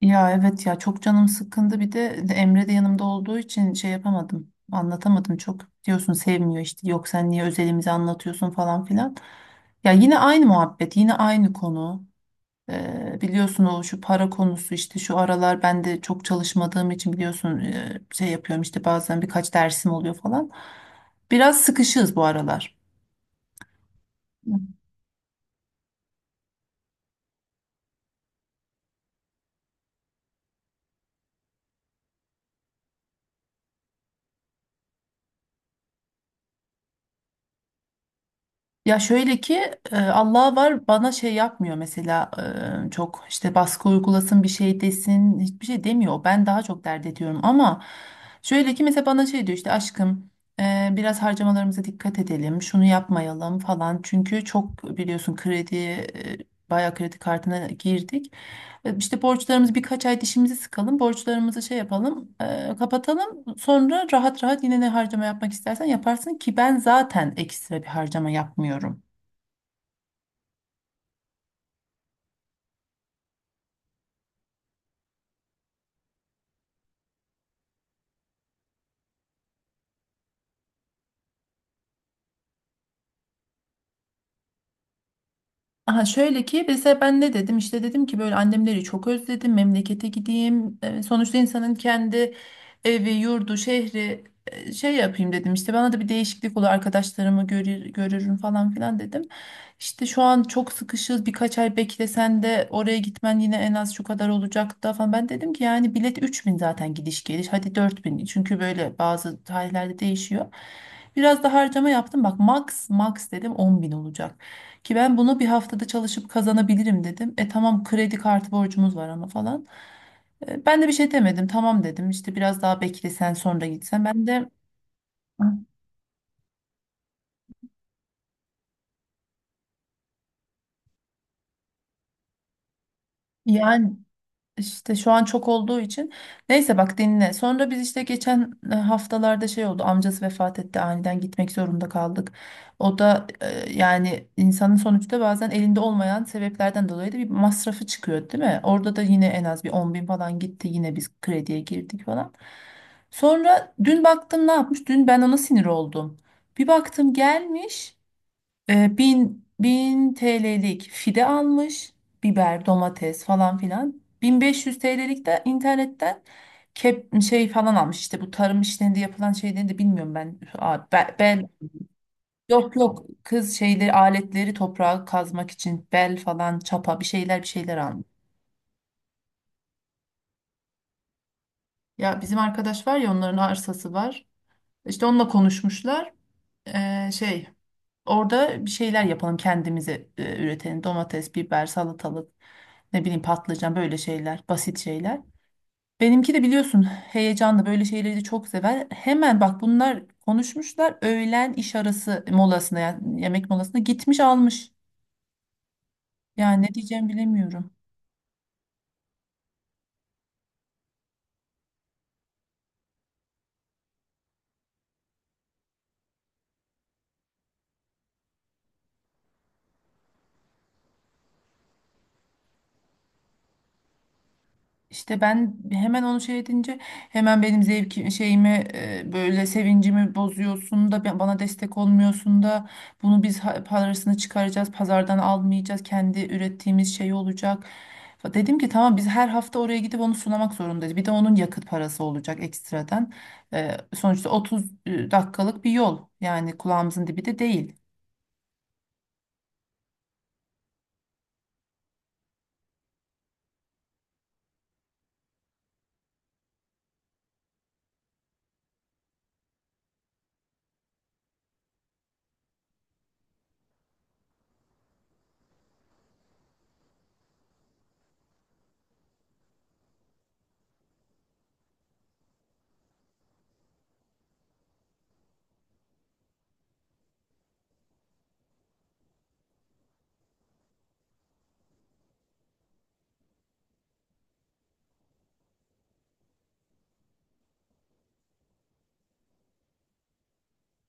Ya evet, ya çok canım sıkkındı. Bir de Emre de yanımda olduğu için şey yapamadım, anlatamadım. "Çok diyorsun, sevmiyor işte, yok sen niye özelimizi anlatıyorsun" falan filan. Ya yine aynı muhabbet, yine aynı konu. Biliyorsun, o şu para konusu. İşte şu aralar ben de çok çalışmadığım için, biliyorsun, şey yapıyorum işte, bazen birkaç dersim oluyor falan. Biraz sıkışığız bu aralar. Ya şöyle ki, Allah var, bana şey yapmıyor mesela, çok işte baskı uygulasın, bir şey desin, hiçbir şey demiyor. Ben daha çok dert ediyorum. Ama şöyle ki, mesela bana şey diyor işte: "Aşkım, biraz harcamalarımıza dikkat edelim, şunu yapmayalım" falan. Çünkü çok biliyorsun, kredi, bayağı kredi kartına girdik. İşte borçlarımız, birkaç ay dişimizi sıkalım, borçlarımızı şey yapalım, kapatalım. Sonra rahat rahat yine ne harcama yapmak istersen yaparsın. Ki ben zaten ekstra bir harcama yapmıyorum. Aha, şöyle ki mesela, ben ne dedim işte, dedim ki böyle annemleri çok özledim, memlekete gideyim. Sonuçta insanın kendi evi, yurdu, şehri, şey yapayım dedim işte, bana da bir değişiklik olur, arkadaşlarımı görürüm falan filan dedim. "İşte şu an çok sıkışız, birkaç ay beklesen de oraya gitmen yine en az şu kadar olacak" da falan. Ben dedim ki yani bilet 3000 zaten gidiş geliş, hadi 4000, çünkü böyle bazı tarihlerde değişiyor. Biraz da harcama yaptım bak, max dedim, 10000 olacak. Ki ben bunu bir haftada çalışıp kazanabilirim dedim. E tamam, kredi kartı borcumuz var ama falan. Ben de bir şey demedim, tamam dedim. İşte biraz daha bekle, sen sonra gitsen. Ben de yani, İşte şu an çok olduğu için. Neyse, bak dinle. Sonra biz işte geçen haftalarda şey oldu, amcası vefat etti. Aniden gitmek zorunda kaldık. O da, yani insanın sonuçta bazen elinde olmayan sebeplerden dolayı da bir masrafı çıkıyor, değil mi? Orada da yine en az bir 10000 falan gitti, yine biz krediye girdik falan. Sonra dün baktım, ne yapmış? Dün ben ona sinir oldum. Bir baktım, gelmiş, bin TL'lik fide almış. Biber, domates falan filan. 1500 TL'lik de internetten kep, şey falan almış. İşte bu tarım işlerinde yapılan şeyleri de bilmiyorum ben. Bel, yok yok kız, şeyleri, aletleri, toprağa kazmak için bel falan, çapa, bir şeyler almış. Ya bizim arkadaş var ya, onların arsası var. İşte onunla konuşmuşlar. Ee, şey Orada bir şeyler yapalım kendimize, üretelim: domates, biber, salatalık, ne bileyim patlıcan, böyle şeyler, basit şeyler. Benimki de biliyorsun, heyecanlı, böyle şeyleri de çok sever. Hemen bak, bunlar konuşmuşlar, öğlen iş arası molasına, yani yemek molasına gitmiş almış. Yani ne diyeceğimi bilemiyorum. İşte ben hemen onu şey edince, hemen "benim zevki şeyimi, böyle sevincimi bozuyorsun da, bana destek olmuyorsun da, bunu biz parasını çıkaracağız, pazardan almayacağız, kendi ürettiğimiz şey olacak." Dedim ki tamam, biz her hafta oraya gidip onu sunamak zorundayız. Bir de onun yakıt parası olacak ekstradan. Sonuçta 30 dakikalık bir yol, yani kulağımızın dibi de değil.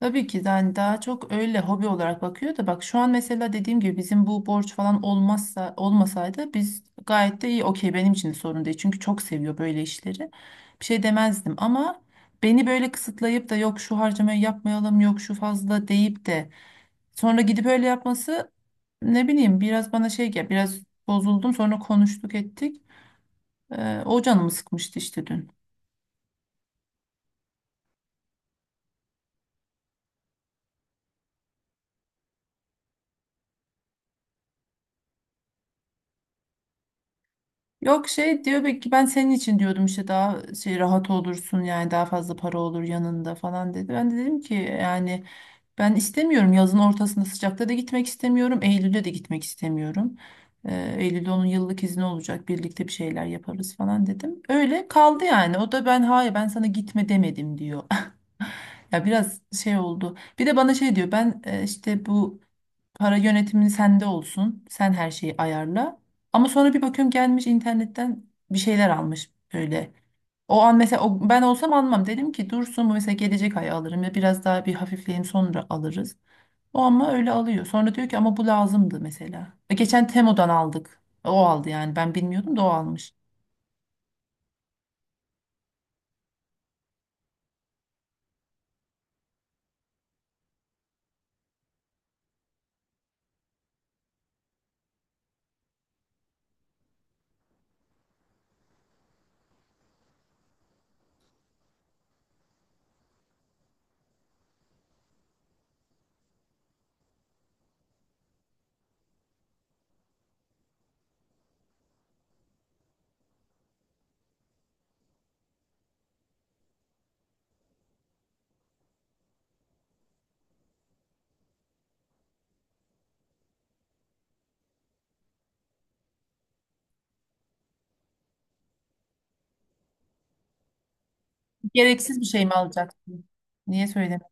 Tabii ki yani daha çok öyle hobi olarak bakıyor. Da bak şu an mesela, dediğim gibi bizim bu borç falan olmazsa, olmasaydı biz gayet de iyi, okey, benim için de sorun değil, çünkü çok seviyor böyle işleri. Bir şey demezdim, ama beni böyle kısıtlayıp da "yok şu harcamayı yapmayalım, yok şu fazla" deyip de sonra gidip öyle yapması, ne bileyim, biraz bana şey gel, biraz bozuldum. Sonra konuştuk ettik. O canımı sıkmıştı işte dün. Yok, şey diyor, "belki ben senin için diyordum, işte daha şey rahat olursun, yani daha fazla para olur yanında" falan dedi. Ben de dedim ki yani ben istemiyorum, yazın ortasında sıcakta da gitmek istemiyorum, Eylül'de de gitmek istemiyorum. Eylül'de onun yıllık izni olacak, birlikte bir şeyler yaparız falan dedim. Öyle kaldı yani. O da "ben hayır, ben sana gitme demedim" diyor. Ya biraz şey oldu. Bir de bana şey diyor: "Ben, işte bu para yönetimini sende olsun, sen her şeyi ayarla." Ama sonra bir bakıyorum, gelmiş internetten bir şeyler almış böyle. O an mesela, ben olsam almam. Dedim ki dursun bu mesela, gelecek ay alırım, ya biraz daha bir hafifleyeyim, sonra alırız. O ama öyle alıyor. Sonra diyor ki "ama bu lazımdı mesela. Geçen Temo'dan aldık, o aldı, yani ben bilmiyordum da o almış." Gereksiz bir şey mi alacaksın? Niye söylemedim?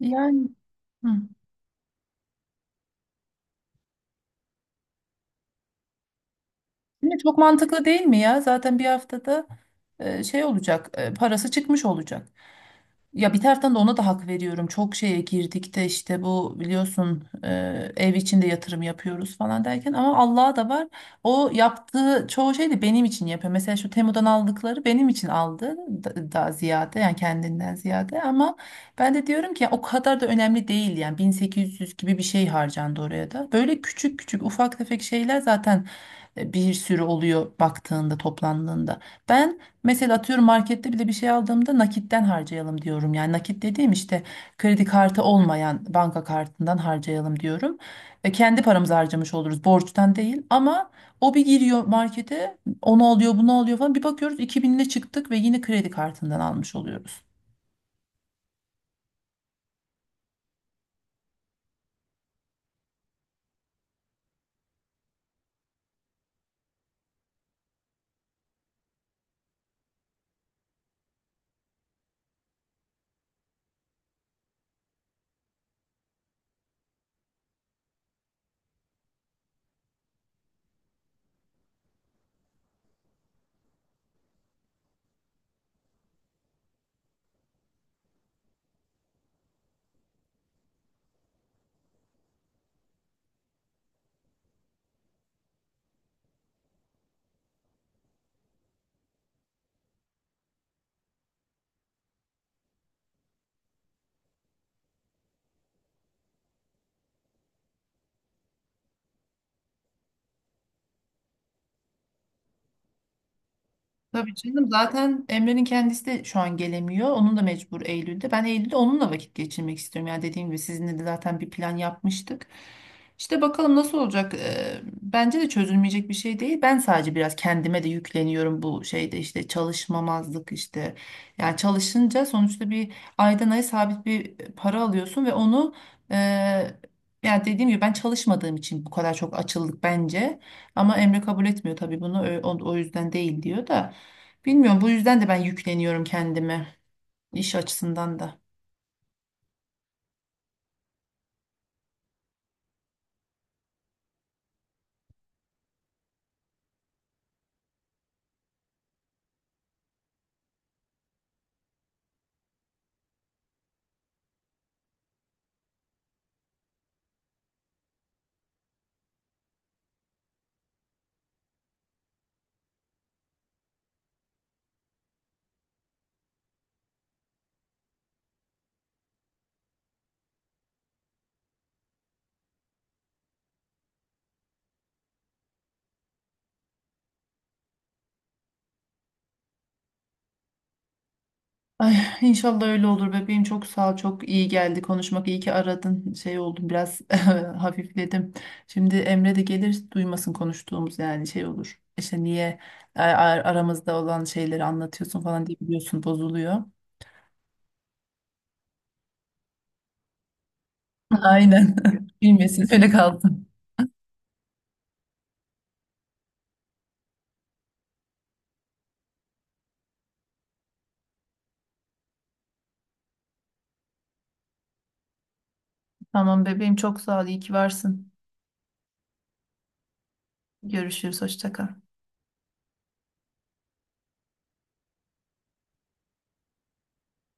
Yani, hı. Şimdi çok mantıklı değil mi ya? Zaten bir haftada, şey olacak, parası çıkmış olacak. Ya bir taraftan da ona da hak veriyorum. Çok şeye girdik de, işte bu biliyorsun, ev içinde yatırım yapıyoruz falan derken, ama Allah'a da var. O yaptığı çoğu şey de benim için yapıyor. Mesela şu Temu'dan aldıkları benim için aldı daha ziyade, yani kendinden ziyade. Ama ben de diyorum ki ya, o kadar da önemli değil, yani 1800 gibi bir şey harcandı oraya da. Böyle küçük küçük, ufak tefek şeyler zaten bir sürü oluyor baktığında, toplandığında. Ben, mesela atıyorum, markette bile bir şey aldığımda nakitten harcayalım diyorum. Yani nakit dediğim işte kredi kartı olmayan banka kartından harcayalım diyorum. Kendi paramızı harcamış oluruz, borçtan değil. Ama o bir giriyor markete, onu alıyor, bunu alıyor falan, bir bakıyoruz 2000 ile çıktık ve yine kredi kartından almış oluyoruz. Tabii canım, zaten Emre'nin kendisi de şu an gelemiyor. Onun da mecbur, Eylül'de. Ben Eylül'de onunla vakit geçirmek istiyorum. Yani dediğim gibi, sizinle de zaten bir plan yapmıştık. İşte bakalım nasıl olacak. Bence de çözülmeyecek bir şey değil. Ben sadece biraz kendime de yükleniyorum bu şeyde, işte çalışmamazlık işte. Yani çalışınca sonuçta bir aydan aya sabit bir para alıyorsun ve onu, e, yani dediğim gibi, ben çalışmadığım için bu kadar çok açıldık bence. Ama Emre kabul etmiyor tabii bunu. O yüzden değil diyor da. Bilmiyorum, bu yüzden de ben yükleniyorum kendime, iş açısından da. Ay, inşallah öyle olur bebeğim, çok sağ ol, çok iyi geldi konuşmak, iyi ki aradın, şey oldum biraz hafifledim. Şimdi Emre de gelir, duymasın konuştuğumuz, yani şey olur. İşte "niye a- a- aramızda olan şeyleri anlatıyorsun" falan diye, biliyorsun, bozuluyor. Aynen, bilmesin, öyle kalsın. Tamam bebeğim, çok sağ ol, iyi ki varsın. Görüşürüz, hoşça kal.